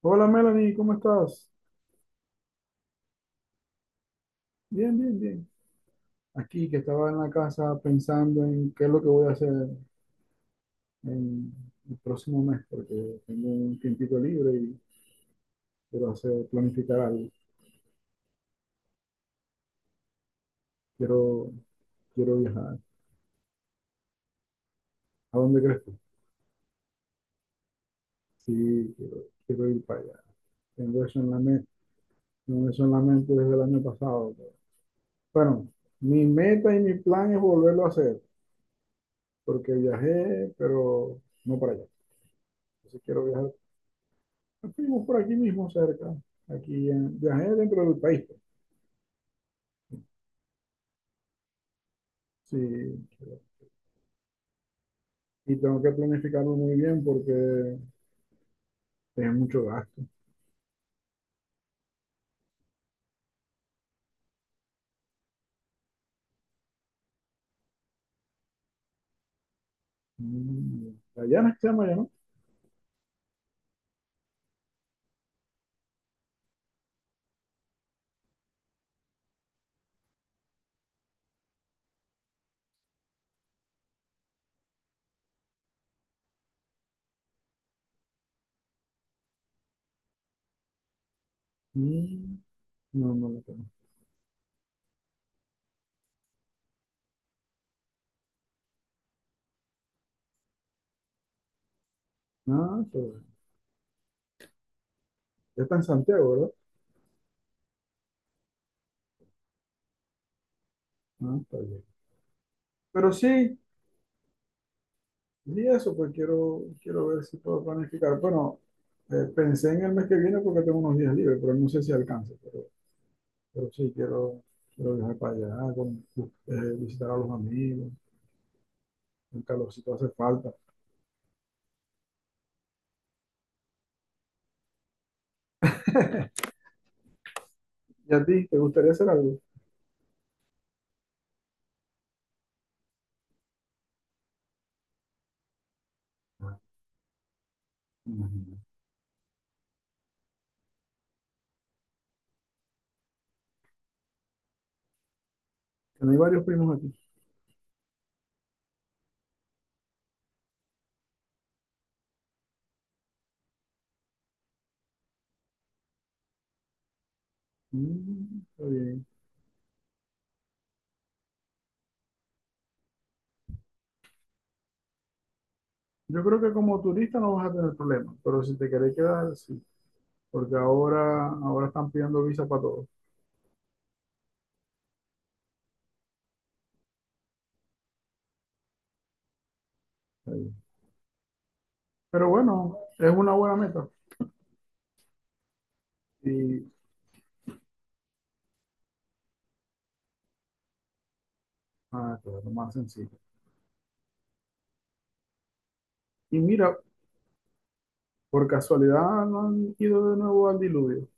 Hola Melanie, ¿cómo estás? Bien. Aquí que estaba en la casa pensando en qué es lo que voy a hacer en el próximo mes, porque tengo un tiempito libre y quiero hacer, planificar algo. Quiero, quiero viajar. ¿A dónde crees tú? Sí, quiero ir para allá. Tengo eso en la mente, tengo eso en la mente desde el año pasado. Bueno, mi meta y mi plan es volverlo a hacer, porque viajé, pero no para allá. Entonces quiero viajar. Fuimos por aquí mismo cerca, viajé dentro del país, pues. Sí, y tengo que planificarlo muy bien porque es mucho gasto. Mm, Allá no se llama, ya no. Mm, No, no lo tengo. Ah, está bien. Ya está en Santiago, ¿verdad? Ah, está bien. Pero sí, y eso, pues quiero, quiero ver si puedo planificar. Bueno, pensé en el mes que viene porque tengo unos días libres, pero no sé si alcance, pero sí quiero, quiero viajar para allá, visitar a los amigos, el calorcito hace falta. ¿Y a ti te gustaría hacer algo? Imagínate. Que no hay varios primos aquí. Mm, está bien. Yo creo que como turista no vas a tener problemas, pero si te querés quedar, sí, porque ahora están pidiendo visa para todos. Está bien. Pero bueno, es una buena meta y ah, claro, lo más sencillo. Y mira, por casualidad no han ido de nuevo al diluvio.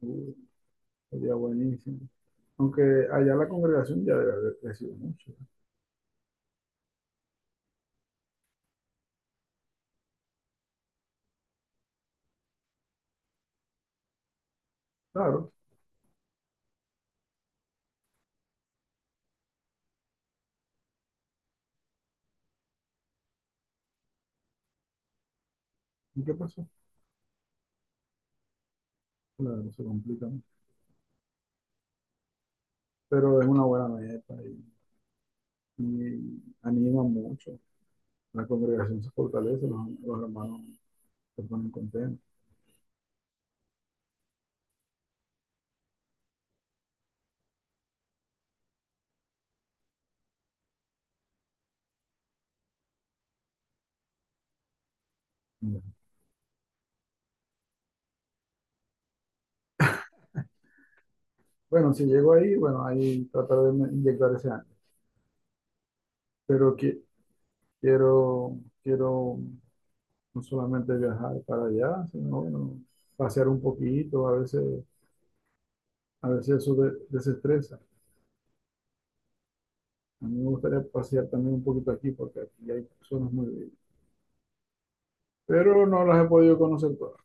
Uh, sería buenísimo. Aunque allá la congregación ya debe haber crecido mucho. Claro, ¿y qué pasó? Claro, se complica, ¿no? Pero es una buena meta y anima mucho. La congregación se fortalece, los hermanos se ponen contentos. Bueno, si llego ahí, bueno, ahí tratar de inyectar ese año. Pero que, quiero, quiero no solamente viajar para allá, sino bueno, pasear un poquito, a veces desestresa. A mí me gustaría pasear también un poquito aquí, porque aquí hay personas muy bellas. Pero no las he podido conocer todas.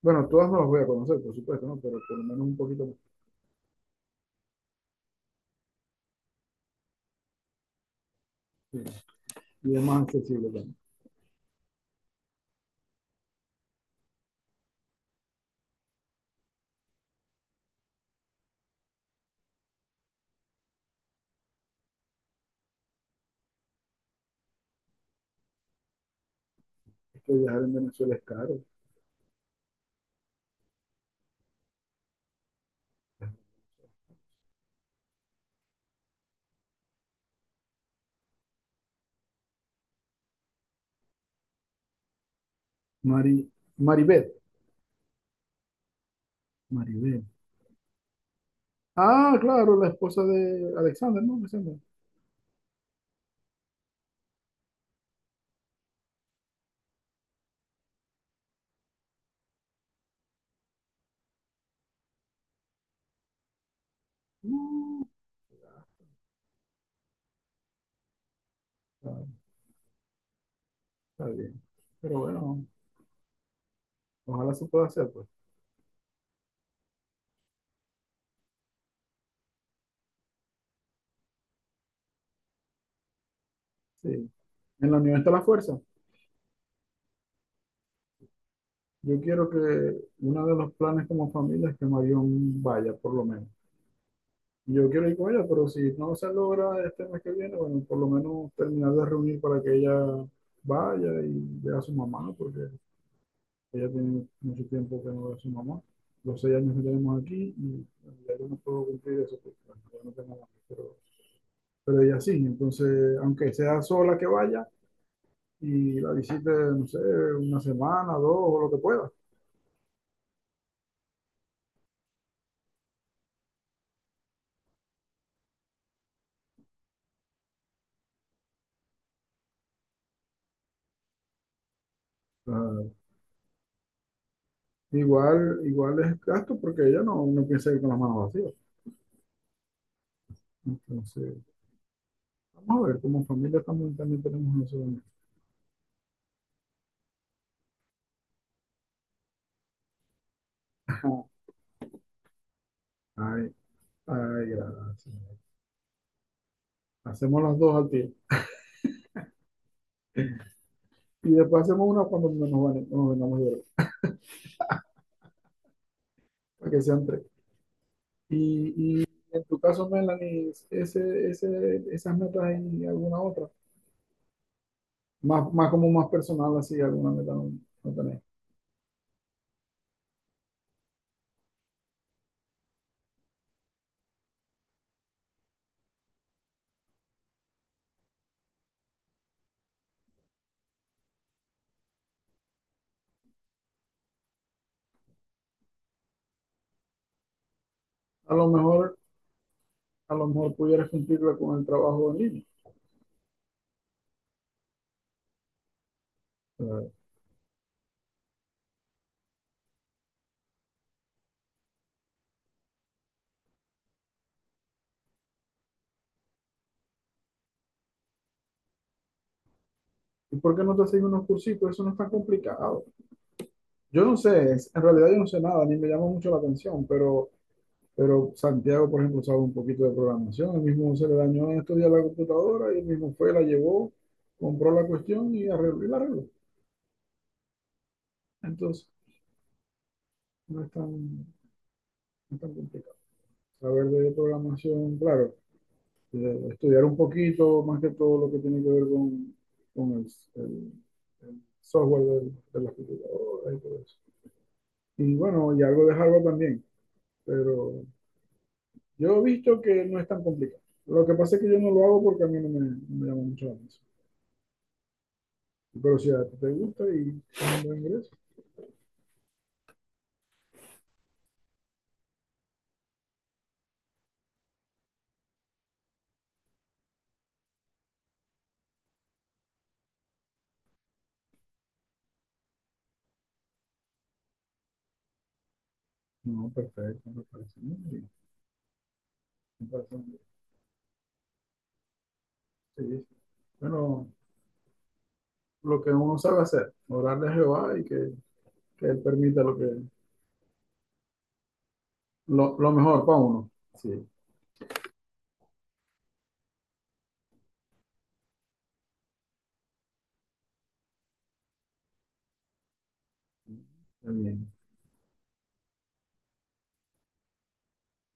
Bueno, todas no las voy a conocer, por supuesto, ¿no? Pero por lo menos un poquito más. Sí. Y es más accesible también. Que viajar en Venezuela es caro. Mari, Maribel, Maribel. Ah, claro, la esposa de Alexander, ¿no? Me sembra. Ah, está bien. Pero bueno, ojalá se pueda hacer, pues. Sí. En la unión está la fuerza. Yo quiero que uno de los planes como familia es que Marión vaya, por lo menos. Yo quiero ir con ella, pero si no se logra este mes que viene, bueno, por lo menos terminar de reunir para que ella vaya y vea a su mamá, porque ella tiene mucho tiempo que no ve a su mamá. Los 6 años que tenemos aquí y ya yo no puedo cumplir eso porque bueno, ya no tengo mamá. Pero ella sí, entonces, aunque sea sola que vaya y la visite, no sé, una semana, dos o lo que pueda. Ah, igual, igual es gasto porque ella no, no piensa ir con las manos vacías. Entonces, vamos a ver, como familia también, también tenemos nosotros. Ay, ay, gracias. Hacemos las dos al tiempo. Y después hacemos una cuando nos vengamos de ver, para que sean tres. Y en tu caso, Melanie, esas metas hay alguna otra, más, más como más personal, así, alguna meta no, no tenés. A lo mejor, a lo mejor pudieras cumplirla con el trabajo en línea. Claro. ¿Y por qué no te haces unos cursitos? Eso no es tan complicado. Yo no sé, en realidad yo no sé nada, ni me llama mucho la atención, pero Santiago, por ejemplo, sabe un poquito de programación, él mismo se le dañó en estos días la computadora y él mismo fue, la llevó, compró la cuestión y arregló y la arregló. Entonces, no es tan, no tan complicado. Saber de programación, claro, estudiar un poquito más que todo lo que tiene que ver con, con el- el software de las computadoras y todo eso. Y bueno, y algo de hardware también, pero yo he visto que no es tan complicado. Lo que pasa es que yo no lo hago porque a mí no me, no me llama mucho la atención. Pero si a ti te gusta y es un buen ingreso, no, perfecto, me parece muy bien. Me parece muy bien. Sí, sí. Bueno, lo que uno sabe hacer, orarle a Jehová y que Él permita lo que, lo mejor para uno. Sí, también.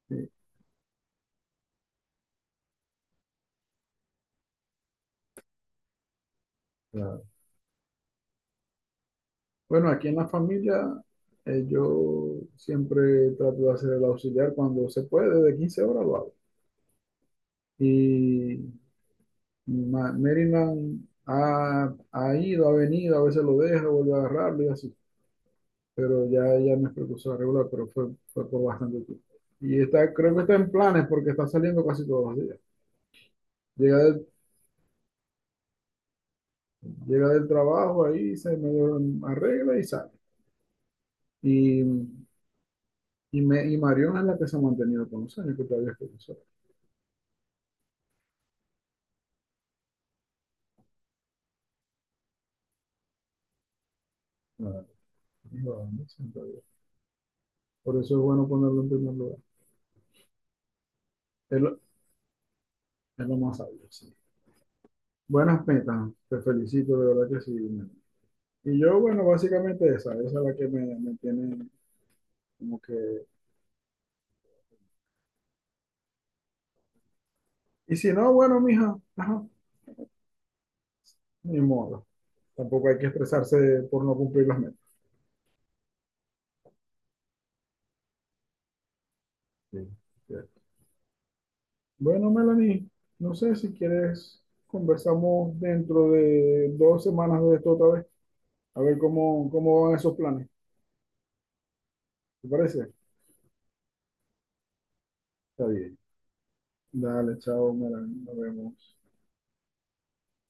Sí. Claro. Bueno, aquí en la familia yo siempre trato de hacer el auxiliar cuando se puede, de 15 horas lo hago. Y Maryland ha, ha ido, ha venido, a veces lo deja, vuelve a agarrarlo y así. Pero ya ella no es precursora regular, pero fue, fue por bastante tiempo. Y está, creo que está en planes porque está saliendo casi todos los días. Llega del, llega del trabajo ahí, se medio arregla y sale. Y y, me, y Mariona es la que se ha mantenido con los años, que todavía es profesora. Ah, sí, por eso es bueno ponerlo en primer lugar. Es lo, es lo más sabio, sí. Buenas metas, te felicito, de verdad que sí. Y yo, bueno, básicamente esa, esa es la que me tiene como que... Y si no, bueno, mija, ajá, ni modo. Tampoco hay que estresarse por no cumplir las metas. Sí, cierto. Bueno, Melanie, no sé si quieres, conversamos dentro de 2 semanas de esto otra vez, a ver cómo, cómo van esos planes. ¿Te parece? Está bien. Dale, chao, Mara, nos vemos.